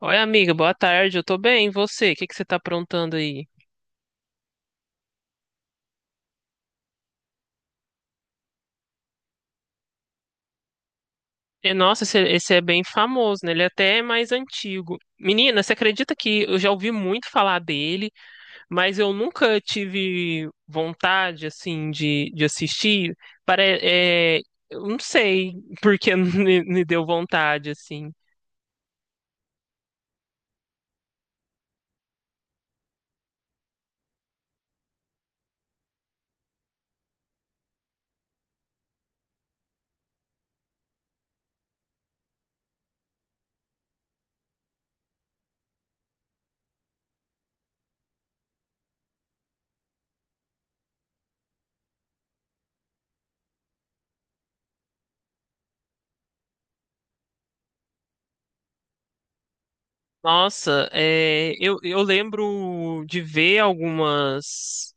Oi, amiga, boa tarde. Eu tô bem, e você? O que que você tá aprontando aí? Nossa, esse é bem famoso, né? Ele é até mais antigo. Menina, você acredita que eu já ouvi muito falar dele, mas eu nunca tive vontade, assim, de assistir? Para, é, eu não sei por que me deu vontade, assim. Nossa, eu lembro de ver algumas.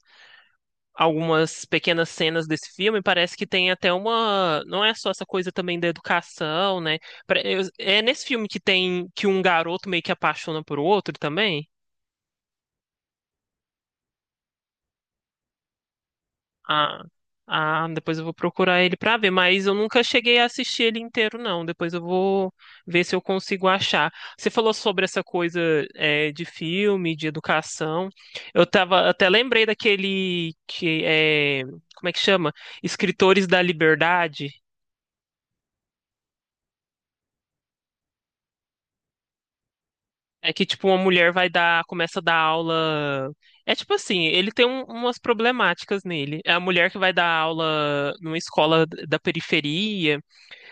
algumas pequenas cenas desse filme, parece que tem até uma. Não é só essa coisa também da educação, né? É nesse filme que tem que um garoto meio que apaixona por outro também. Ah, ah, depois eu vou procurar ele pra ver, mas eu nunca cheguei a assistir ele inteiro, não. Depois eu vou ver se eu consigo achar. Você falou sobre essa coisa, é, de filme, de educação. Eu tava, até lembrei daquele que é, como é que chama? Escritores da Liberdade. É que, tipo, uma mulher vai dar, começa a dar aula. É tipo assim, ele tem umas problemáticas nele. É a mulher que vai dar aula numa escola da periferia,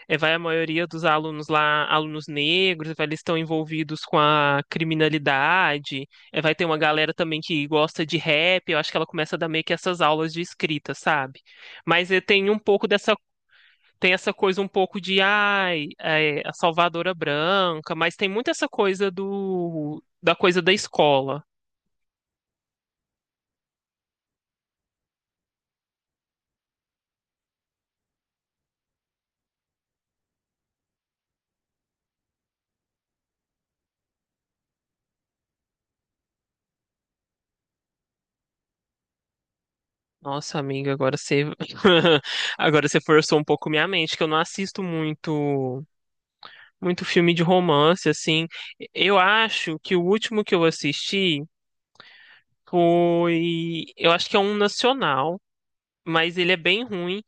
é, vai a maioria dos alunos lá, alunos negros, vai, eles estão envolvidos com a criminalidade. É, vai ter uma galera também que gosta de rap, eu acho que ela começa a dar meio que essas aulas de escrita, sabe? Mas é, tem um pouco dessa, tem essa coisa um pouco de ai, é, a salvadora branca, mas tem muito essa coisa do da coisa da escola. Nossa, amiga, agora você agora você forçou um pouco minha mente, que eu não assisto muito filme de romance assim. Eu acho que o último que eu assisti foi, eu acho que é um nacional, mas ele é bem ruim,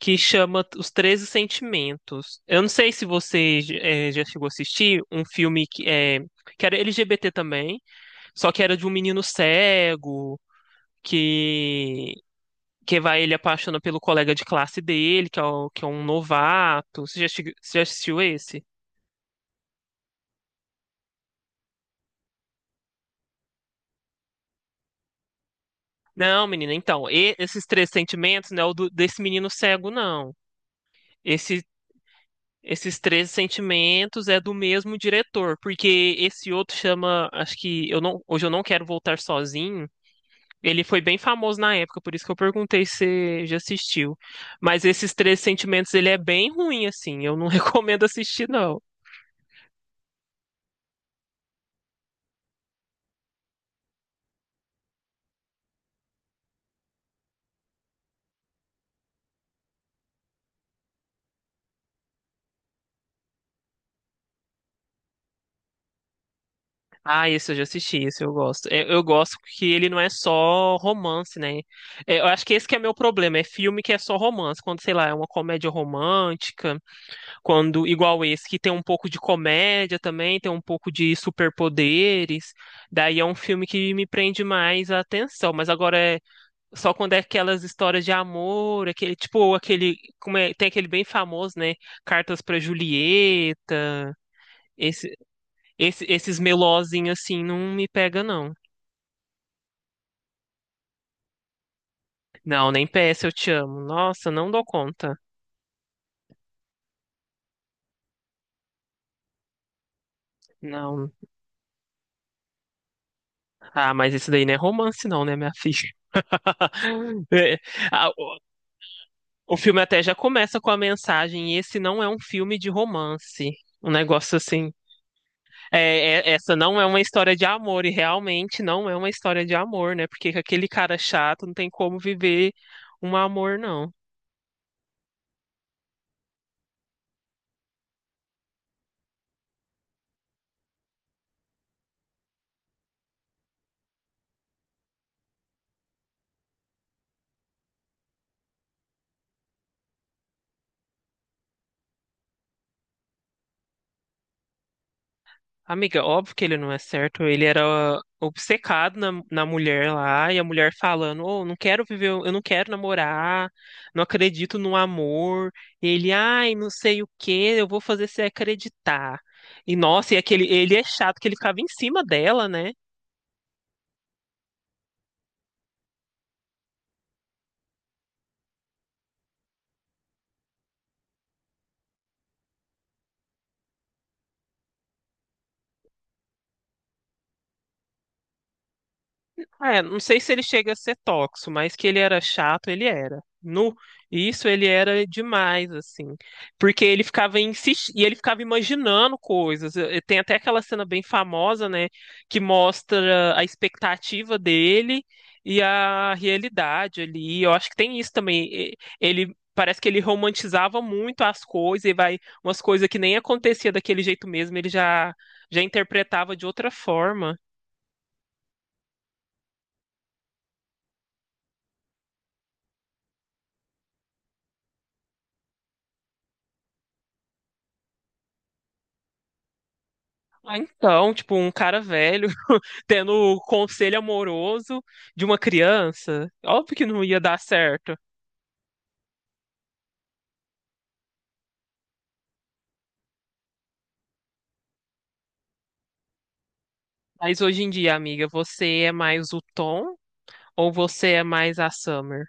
que chama Os 13 Sentimentos. Eu não sei se você já chegou a assistir um filme que, é, que era LGBT também, só que era de um menino cego que, que vai ele apaixona pelo colega de classe dele, que é, que é um novato. Você já assistiu esse? Não, menina, então, esses três sentimentos não é o do- desse menino cego, não. Esse, esses três sentimentos é do mesmo diretor, porque esse outro chama, acho que eu não, hoje eu não quero voltar sozinho. Ele foi bem famoso na época, por isso que eu perguntei se você já assistiu. Mas esses três sentimentos, ele é bem ruim assim. Eu não recomendo assistir não. Ah, esse eu já assisti, esse eu gosto. É, eu gosto que ele não é só romance, né? É, eu acho que esse que é meu problema, é filme que é só romance, quando sei lá, é uma comédia romântica. Quando, igual esse, que tem um pouco de comédia também, tem um pouco de superpoderes. Daí é um filme que me prende mais a atenção. Mas agora é só quando é aquelas histórias de amor, aquele, tipo, aquele, como é, tem aquele bem famoso, né? Cartas pra Julieta. Esse, esse, esses melozinhos assim não me pega, não. Não, nem PS eu te amo. Nossa, não dou conta. Não. Ah, mas esse daí não é romance, não, né, minha filha? É, ah, o filme até já começa com a mensagem: esse não é um filme de romance. Um negócio assim. É, essa não é uma história de amor, e realmente não é uma história de amor, né? Porque com aquele cara chato não tem como viver um amor, não. Amiga, óbvio que ele não é certo. Ele era obcecado na mulher lá, e a mulher falando: Oh, não quero viver, eu não quero namorar, não acredito no amor. E ele, ai, não sei o que, eu vou fazer você acreditar. E nossa, e aquele, ele é chato que ele ficava em cima dela, né? É, não sei se ele chega a ser tóxico, mas que ele era chato, ele era. No, isso ele era demais, assim. Porque ele ficava insistindo, e ele ficava imaginando coisas. Tem até aquela cena bem famosa, né, que mostra a expectativa dele e a realidade ali. Eu acho que tem isso também. Ele parece que ele romantizava muito as coisas e vai umas coisas que nem acontecia daquele jeito mesmo, ele já interpretava de outra forma. Ah, então, tipo, um cara velho tendo o conselho amoroso de uma criança. Óbvio que não ia dar certo. Mas hoje em dia, amiga, você é mais o Tom ou você é mais a Summer?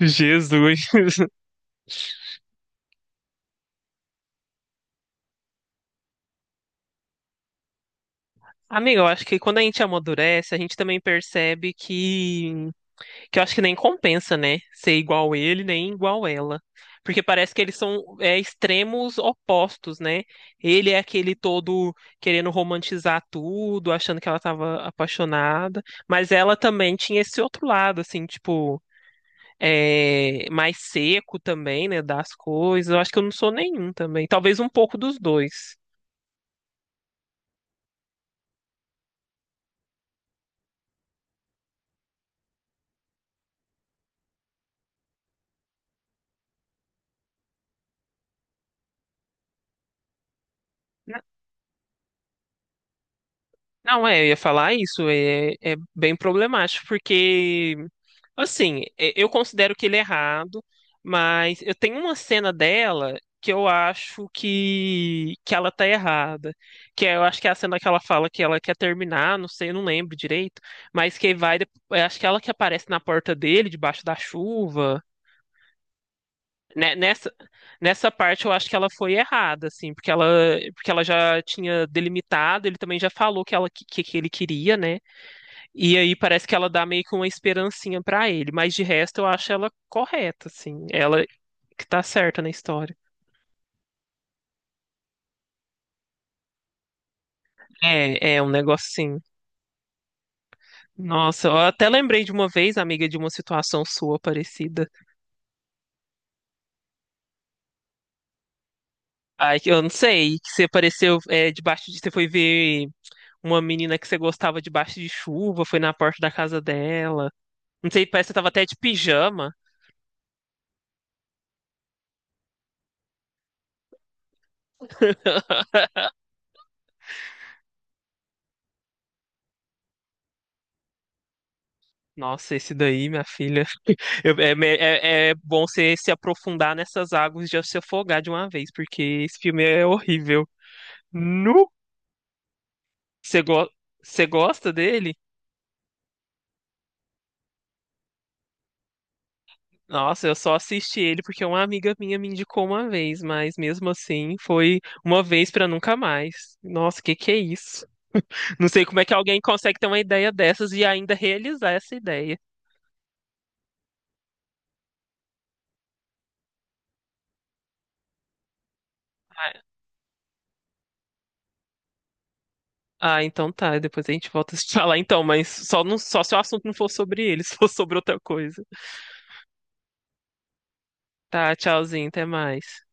Jesus. Amiga, eu acho que quando a gente amadurece, a gente também percebe que eu acho que nem compensa, né? Ser igual ele, nem igual ela. Porque parece que eles são é, extremos opostos, né? Ele é aquele todo querendo romantizar tudo, achando que ela estava apaixonada, mas ela também tinha esse outro lado, assim, tipo, é, mais seco também, né? Das coisas. Eu acho que eu não sou nenhum também. Talvez um pouco dos dois. Não, é, eu ia falar isso, é, é bem problemático, porque, assim, eu considero que ele é errado, mas eu tenho uma cena dela que eu acho que ela tá errada, que é, eu acho que é a cena que ela fala que ela quer terminar, não sei, eu não lembro direito, mas que vai, eu acho que ela que aparece na porta dele, debaixo da chuva, né, nessa, nessa parte eu acho que ela foi errada, assim, porque ela já tinha delimitado, ele também já falou que ela, que ele queria, né? E aí parece que ela dá meio que uma esperancinha pra ele, mas de resto eu acho ela correta, assim. Ela que tá certa na história. É, é um negócio assim. Nossa, eu até lembrei de uma vez, amiga, de uma situação sua parecida. Ai, que eu não sei, que você apareceu é, debaixo de. Você foi ver uma menina que você gostava debaixo de chuva, foi na porta da casa dela. Não sei, parece que você tava até de pijama. Nossa, esse daí, minha filha. É bom você se aprofundar nessas águas e já se afogar de uma vez, porque esse filme é horrível. Nu! Você go- Você gosta dele? Nossa, eu só assisti ele porque uma amiga minha me indicou uma vez, mas mesmo assim foi uma vez pra nunca mais. Nossa, que é isso? Não sei como é que alguém consegue ter uma ideia dessas e ainda realizar essa ideia. Ah, ah, então tá, depois a gente volta a se falar então, mas só, não, só se o assunto não for sobre ele, se for sobre outra coisa. Tá, tchauzinho, até mais.